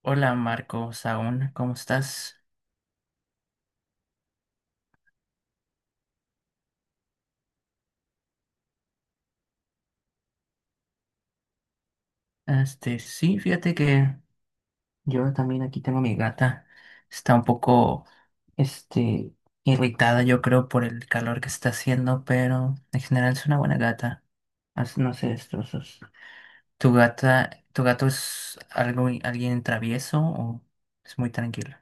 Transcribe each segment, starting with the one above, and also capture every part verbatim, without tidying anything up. Hola Marcos, aún, ¿cómo estás? Este, sí, fíjate que yo también aquí tengo a mi gata. Está un poco, este, irritada, yo creo, por el calor que está haciendo, pero en general es una buena gata. Hace- No sé, destrozos. ¿Tu gata, tu gato es algo, alguien travieso o es muy tranquilo?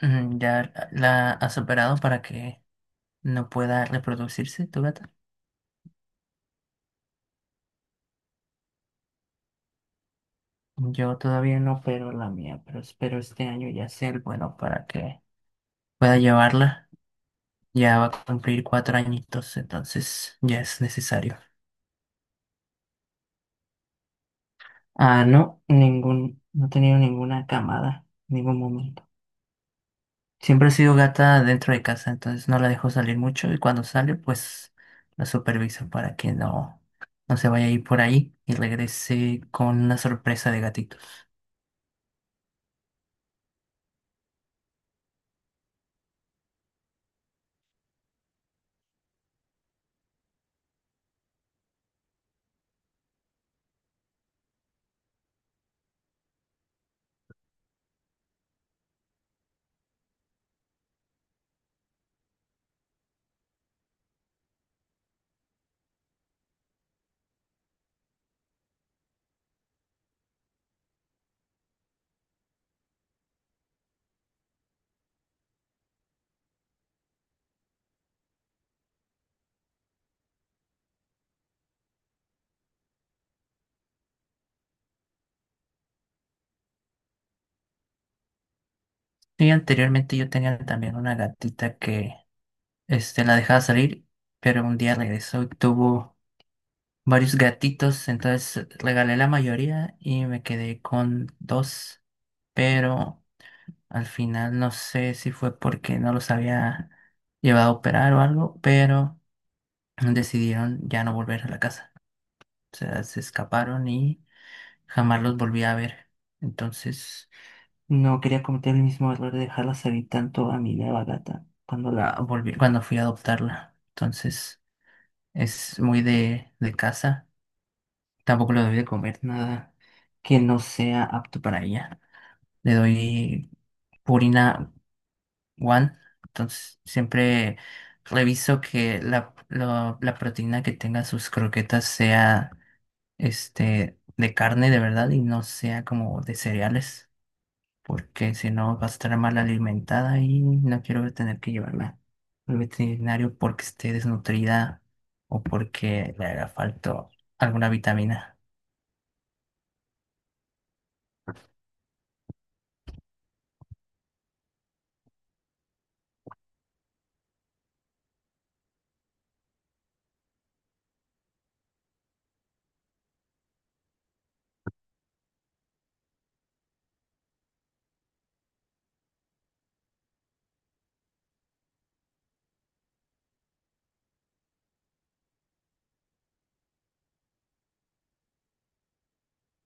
Mm, ¿ya la has operado para que no pueda reproducirse tu gata? Yo todavía no opero la mía, pero espero este año ya ser bueno para que pueda llevarla. Ya va a cumplir cuatro añitos, entonces ya es necesario. Ah, no, ningún, no he tenido ninguna camada, ningún momento. Siempre he sido gata dentro de casa, entonces no la dejo salir mucho y cuando sale, pues la superviso para que no, no se vaya a ir por ahí y regrese con una sorpresa de gatitos. Sí, anteriormente yo tenía también una gatita que este, la dejaba salir, pero un día regresó y tuvo varios gatitos, entonces regalé la mayoría y me quedé con dos, pero al final no sé si fue porque no los había llevado a operar o algo, pero decidieron ya no volver a la casa. O sea, se escaparon y jamás los volví a ver. Entonces, no quería cometer el mismo error de dejarla salir tanto a mi nueva gata cuando la volví, cuando fui a adoptarla. Entonces, es muy de, de casa. Tampoco le doy de comer nada que no sea apto para ella. Le doy Purina One. Entonces, siempre reviso que la, lo- la proteína que tenga sus croquetas sea este, de carne de verdad y no sea como de cereales, porque si no vas a estar mal alimentada y no quiero tener que llevarla al veterinario porque esté desnutrida o porque le haga falta alguna vitamina.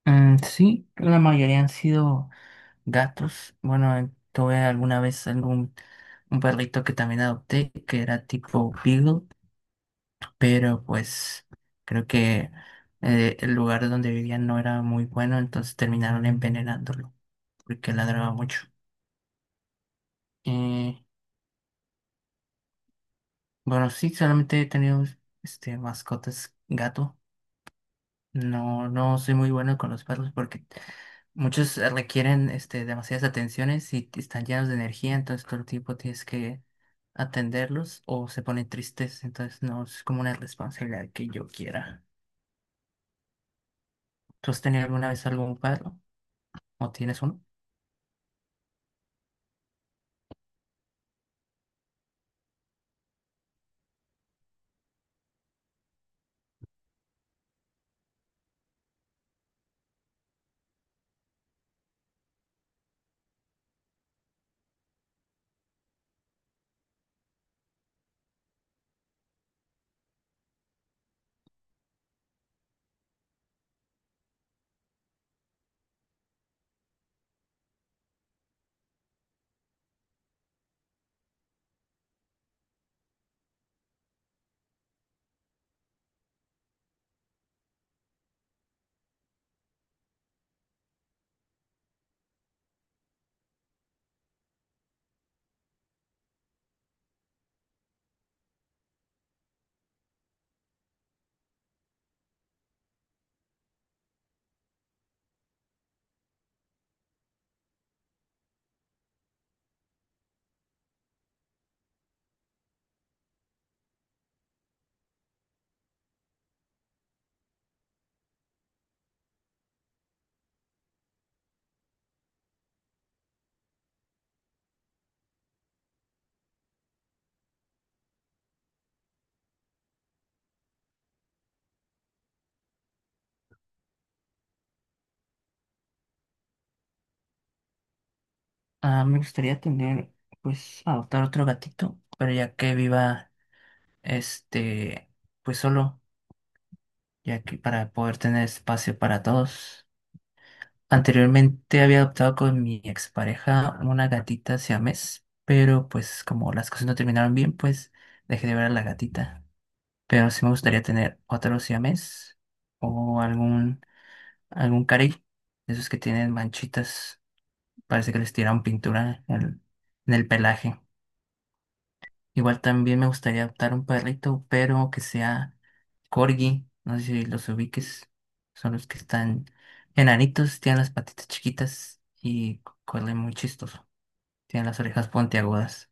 Mm, sí, la mayoría han sido gatos. Bueno, eh, tuve alguna vez algún un perrito que también adopté que era tipo Beagle, pero pues creo que eh, el lugar donde vivían no era muy bueno, entonces terminaron envenenándolo porque ladraba mucho. Eh, Bueno, sí, solamente he tenido este, mascotas gato. No, no soy muy bueno con los perros porque muchos requieren este, demasiadas atenciones y están llenos de energía, entonces todo el tiempo tienes que atenderlos o se ponen tristes, entonces no es como una responsabilidad que yo quiera. ¿Tú has tenido alguna vez algún perro o tienes uno? Ah, me gustaría tener, pues, adoptar otro gatito, pero ya que viva, este, pues solo, ya que para poder tener espacio para todos. Anteriormente había adoptado con mi expareja una gatita siamés, pero pues como las cosas no terminaron bien, pues dejé de ver a la gatita. Pero sí me gustaría tener otro siamés o algún, algún carey, de esos que tienen manchitas, parece que les tiraron pintura en el, en el pelaje. Igual también me gustaría adoptar un perrito, pero que sea corgi. No sé si los ubiques. Son los que están enanitos, tienen las patitas chiquitas y cu- corren muy chistoso. Tienen las orejas puntiagudas.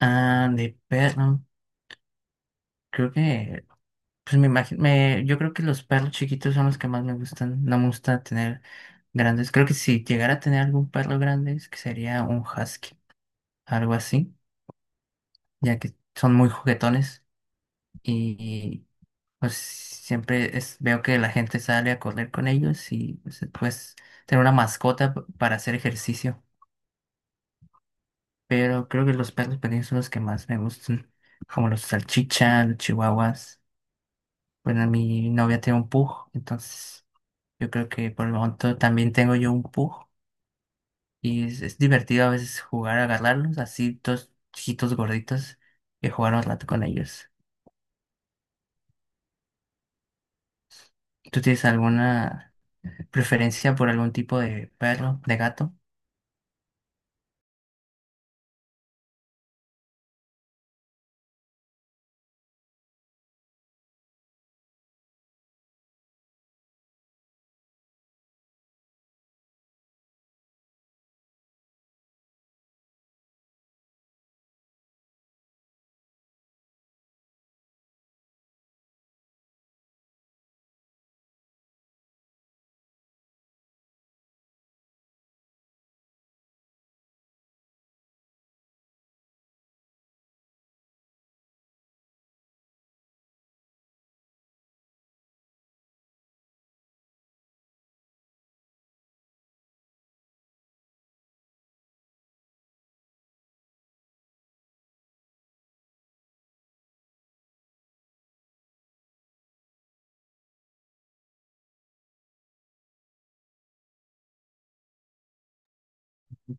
Ah, de perro. Creo que, pues me imagino, me, yo creo que los perros chiquitos son los que más me gustan. No me gusta tener grandes. Creo que si llegara a tener algún perro grande, es que sería un husky, algo así, ya que son muy juguetones. Y pues siempre es, veo que la gente sale a correr con ellos y pues, pues tener una mascota p- para hacer ejercicio. Pero creo que los perros pequeños son los que más me gustan, como los salchichas, los chihuahuas. Bueno, mi novia tiene un pug, entonces yo creo que por el momento también tengo yo un pug y es, es divertido a veces jugar a agarrarlos, así dos chiquitos gorditos, y jugar un rato con ellos. ¿Tú tienes alguna preferencia por algún tipo de perro, de gato?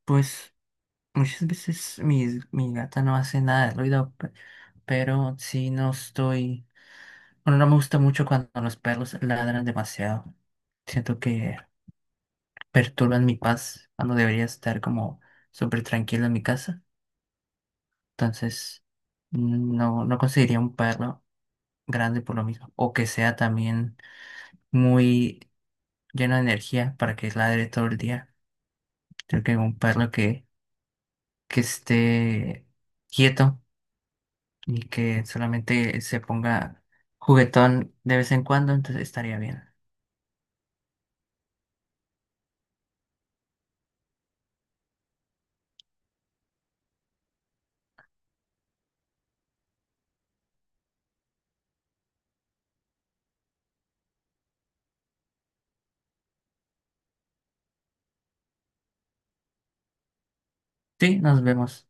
Pues muchas veces mi, mi gata no hace nada de ruido, pe- pero sí no estoy... Bueno, no me gusta mucho cuando los perros ladran demasiado. Siento que perturban mi paz cuando debería estar como súper tranquilo en mi casa. Entonces, no, no conseguiría un perro grande por lo mismo. O que sea también muy lleno de energía para que ladre todo el día. Creo que un perro que, que esté quieto y que solamente se ponga juguetón de vez en cuando, entonces estaría bien. Sí, nos vemos.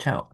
Chao.